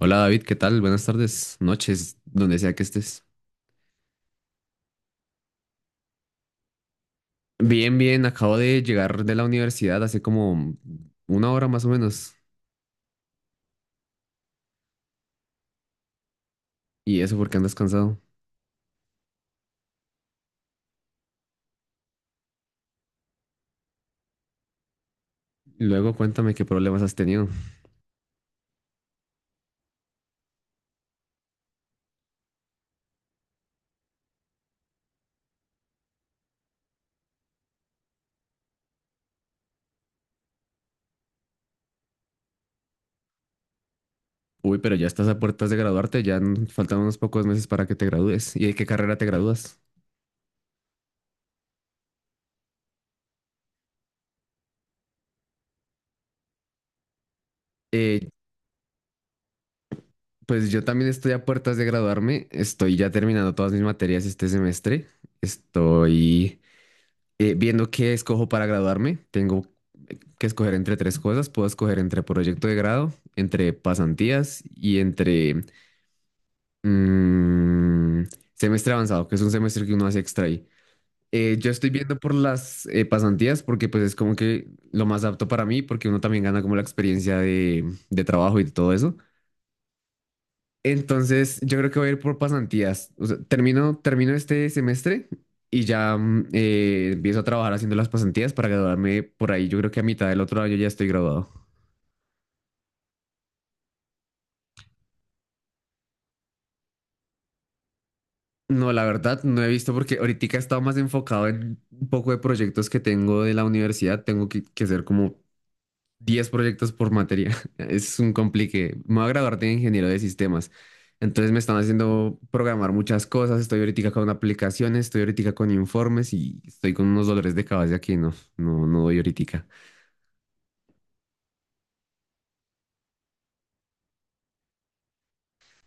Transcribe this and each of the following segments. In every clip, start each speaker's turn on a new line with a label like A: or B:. A: Hola David, ¿qué tal? Buenas tardes, noches, donde sea que estés. Bien, bien, acabo de llegar de la universidad hace como una hora más o menos. Y eso porque andas cansado. Luego cuéntame qué problemas has tenido. Uy, pero ya estás a puertas de graduarte, ya faltan unos pocos meses para que te gradúes. ¿Y de qué carrera te gradúas? Eh, pues yo también estoy a puertas de graduarme, estoy ya terminando todas mis materias este semestre. Estoy viendo qué escojo para graduarme, tengo que escoger entre tres cosas. Puedo escoger entre proyecto de grado, entre pasantías y entre mm, semestre avanzado, que es un semestre que uno hace extra ahí. Yo estoy viendo por las pasantías porque pues es como que lo más apto para mí porque uno también gana como la experiencia de trabajo y todo eso. Entonces, yo creo que voy a ir por pasantías. O sea, termino este semestre y ya empiezo a trabajar haciendo las pasantías para graduarme por ahí. Yo creo que a mitad del otro año ya estoy graduado. No, la verdad, no he visto porque ahorita he estado más enfocado en un poco de proyectos que tengo de la universidad. Tengo que hacer como 10 proyectos por materia. Es un complique. Me voy a graduar de ingeniero de sistemas. Entonces me están haciendo programar muchas cosas. Estoy ahorita con aplicaciones, estoy ahorita con informes y estoy con unos dolores de cabeza que no doy ahorita.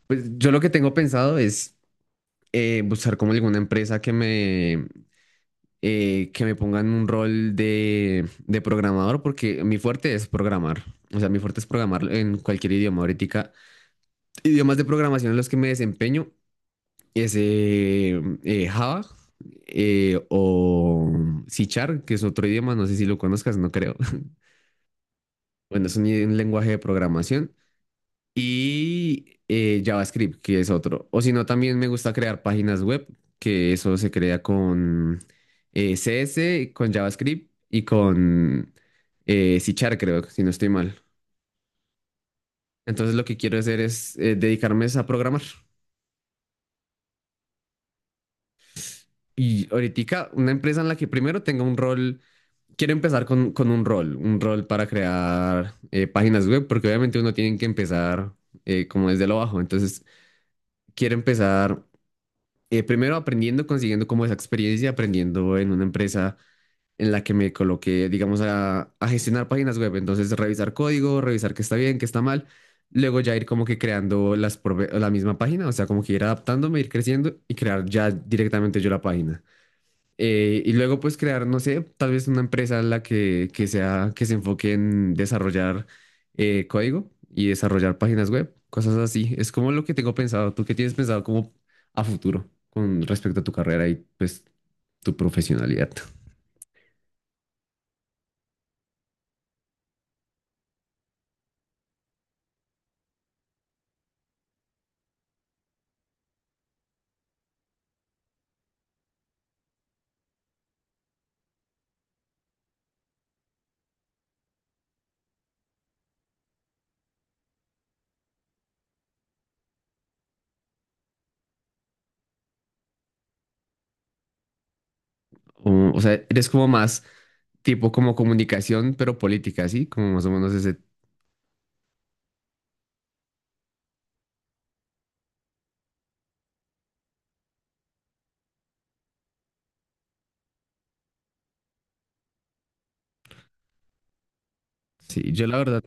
A: Pues yo lo que tengo pensado es buscar como alguna empresa que que me ponga en un rol de programador porque mi fuerte es programar. O sea, mi fuerte es programar en cualquier idioma. Ahorita idiomas de programación en los que me desempeño es Java o C Sharp, que es otro idioma, no sé si lo conozcas, no creo. Bueno, es un lenguaje de programación. Y JavaScript, que es otro. O si no, también me gusta crear páginas web, que eso se crea con CS, con JavaScript y con C Sharp, creo, si no estoy mal. Entonces lo que quiero hacer es dedicarme es a programar. Y ahorita una empresa en la que primero tenga un rol quiero empezar con un rol para crear páginas web, porque obviamente uno tiene que empezar como desde lo bajo. Entonces, quiero empezar primero aprendiendo, consiguiendo como esa experiencia, aprendiendo en una empresa en la que me coloqué, digamos, a gestionar páginas web. Entonces, revisar código, revisar qué está bien, qué está mal. Luego ya ir como que creando las, la misma página, o sea, como que ir adaptándome, ir creciendo y crear ya directamente yo la página. Y luego pues crear, no sé, tal vez una empresa en que sea, que se enfoque en desarrollar código y desarrollar páginas web, cosas así. Es como lo que tengo pensado. ¿Tú qué tienes pensado como a futuro con respecto a tu carrera y pues tu profesionalidad? O sea, eres como más tipo como comunicación, pero política, ¿sí? Como más o menos ese... Sí, yo la verdad...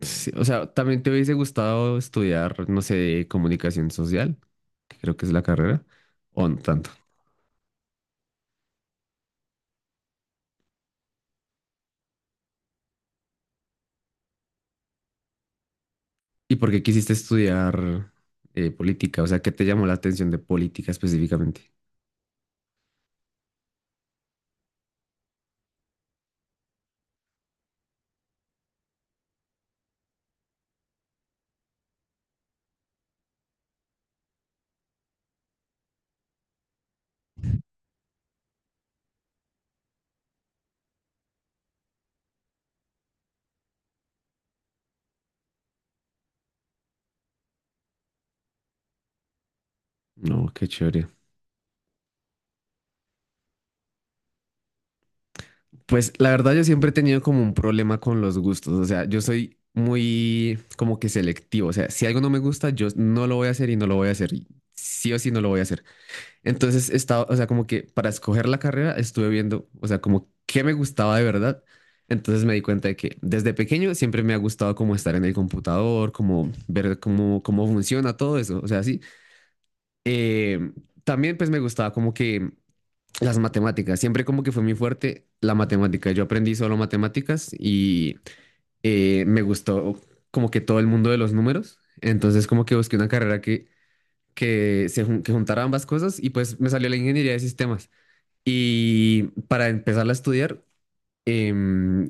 A: Sí, o sea, también te hubiese gustado estudiar, no sé, comunicación social, que creo que es la carrera, o no tanto. ¿Y por qué quisiste estudiar política? O sea, ¿qué te llamó la atención de política específicamente? No, qué chévere. Pues la verdad yo siempre he tenido como un problema con los gustos, o sea, yo soy muy como que selectivo, o sea, si algo no me gusta, yo no lo voy a hacer y no lo voy a hacer, y sí o sí no lo voy a hacer. Entonces estaba, o sea, como que para escoger la carrera estuve viendo, o sea, como qué me gustaba de verdad. Entonces me di cuenta de que desde pequeño siempre me ha gustado como estar en el computador, como ver cómo funciona todo eso, o sea, sí. Eh, También pues me gustaba como que las matemáticas, siempre como que fue muy fuerte la matemática. Yo aprendí solo matemáticas y me gustó como que todo el mundo de los números. Entonces como que busqué una carrera que se que juntara ambas cosas y pues me salió la ingeniería de sistemas. Y para empezarla a estudiar, em,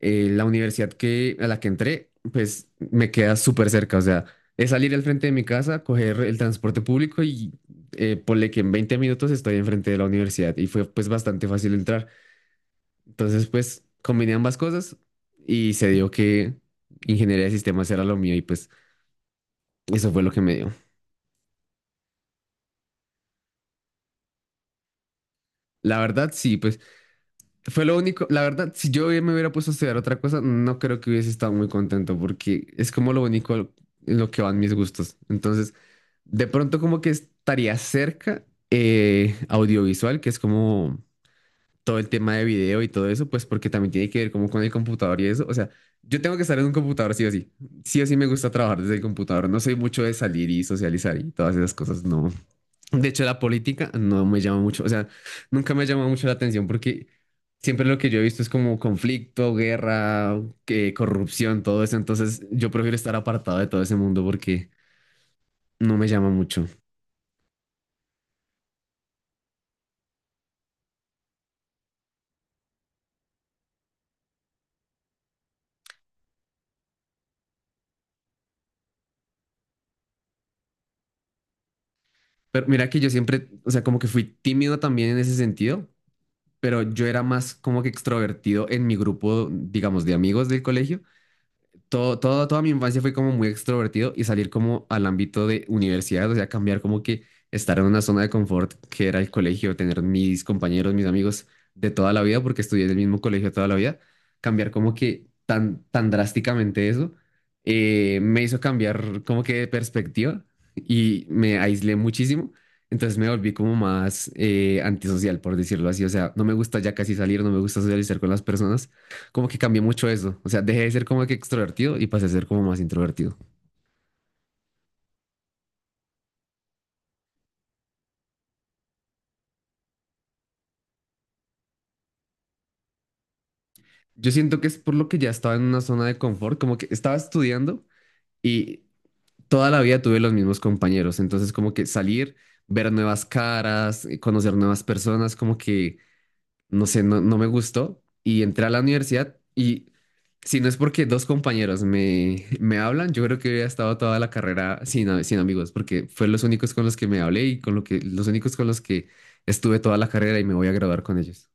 A: la universidad que, a la que entré, pues me queda súper cerca. O sea, es salir al frente de mi casa, coger el transporte público y ponle que en 20 minutos estoy enfrente de la universidad. Y fue pues bastante fácil entrar. Entonces, pues combiné ambas cosas y se dio que ingeniería de sistemas era lo mío y pues eso fue lo que me dio. La verdad, sí, pues... Fue lo único, la verdad, si yo me hubiera puesto a estudiar otra cosa, no creo que hubiese estado muy contento porque es como lo único en lo que van mis gustos. Entonces, de pronto como que estaría cerca audiovisual, que es como todo el tema de video y todo eso, pues porque también tiene que ver como con el computador y eso. O sea, yo tengo que estar en un computador sí o sí. Sí o sí me gusta trabajar desde el computador. No soy mucho de salir y socializar y todas esas cosas, no. De hecho, la política no me llama mucho, o sea, nunca me ha llamado mucho la atención porque siempre lo que yo he visto es como conflicto, guerra, corrupción, todo eso. Entonces, yo prefiero estar apartado de todo ese mundo porque no me llama mucho. Pero mira que yo siempre, o sea, como que fui tímido también en ese sentido, pero yo era más como que extrovertido en mi grupo, digamos, de amigos del colegio. Toda mi infancia fue como muy extrovertido y salir como al ámbito de universidad, o sea, cambiar como que estar en una zona de confort que era el colegio, tener mis compañeros, mis amigos de toda la vida, porque estudié en el mismo colegio toda la vida, cambiar como que tan drásticamente eso, me hizo cambiar como que de perspectiva y me aislé muchísimo. Entonces me volví como más antisocial, por decirlo así. O sea, no me gusta ya casi salir, no me gusta socializar con las personas como que cambié mucho eso. O sea, dejé de ser como que extrovertido y pasé a ser como más introvertido. Yo siento que es por lo que ya estaba en una zona de confort, como que estaba estudiando y toda la vida tuve los mismos compañeros. Entonces, como que salir, ver nuevas caras, conocer nuevas personas, como que no sé, no me gustó y entré a la universidad y si no es porque dos compañeros me hablan, yo creo que hubiera estado toda la carrera sin, sin amigos porque fue los únicos con los que me hablé y con lo que, los únicos con los que estuve toda la carrera y me voy a graduar con ellos.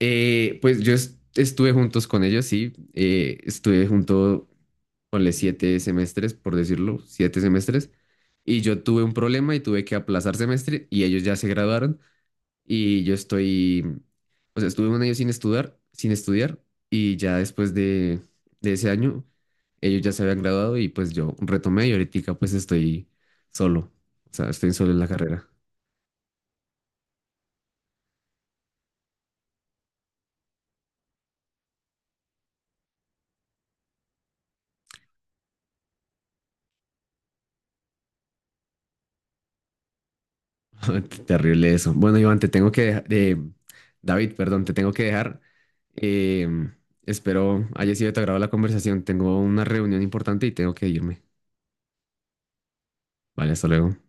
A: Pues yo estuve juntos con ellos, sí, estuve junto, ponle siete semestres, por decirlo, 7 semestres. Y yo tuve un problema y tuve que aplazar semestre y ellos ya se graduaron. Y yo estoy, o sea, estuve un año sin estudiar, sin estudiar y ya después de ese año ellos ya se habían graduado y pues yo retomé y ahorita pues estoy solo, o sea, estoy solo en la carrera. Terrible eso. Bueno, Iván, te tengo que dejar, David, perdón, te tengo que dejar. Em, Espero haya sido de tu agrado la conversación. Tengo una reunión importante y tengo que irme. Vale, hasta luego.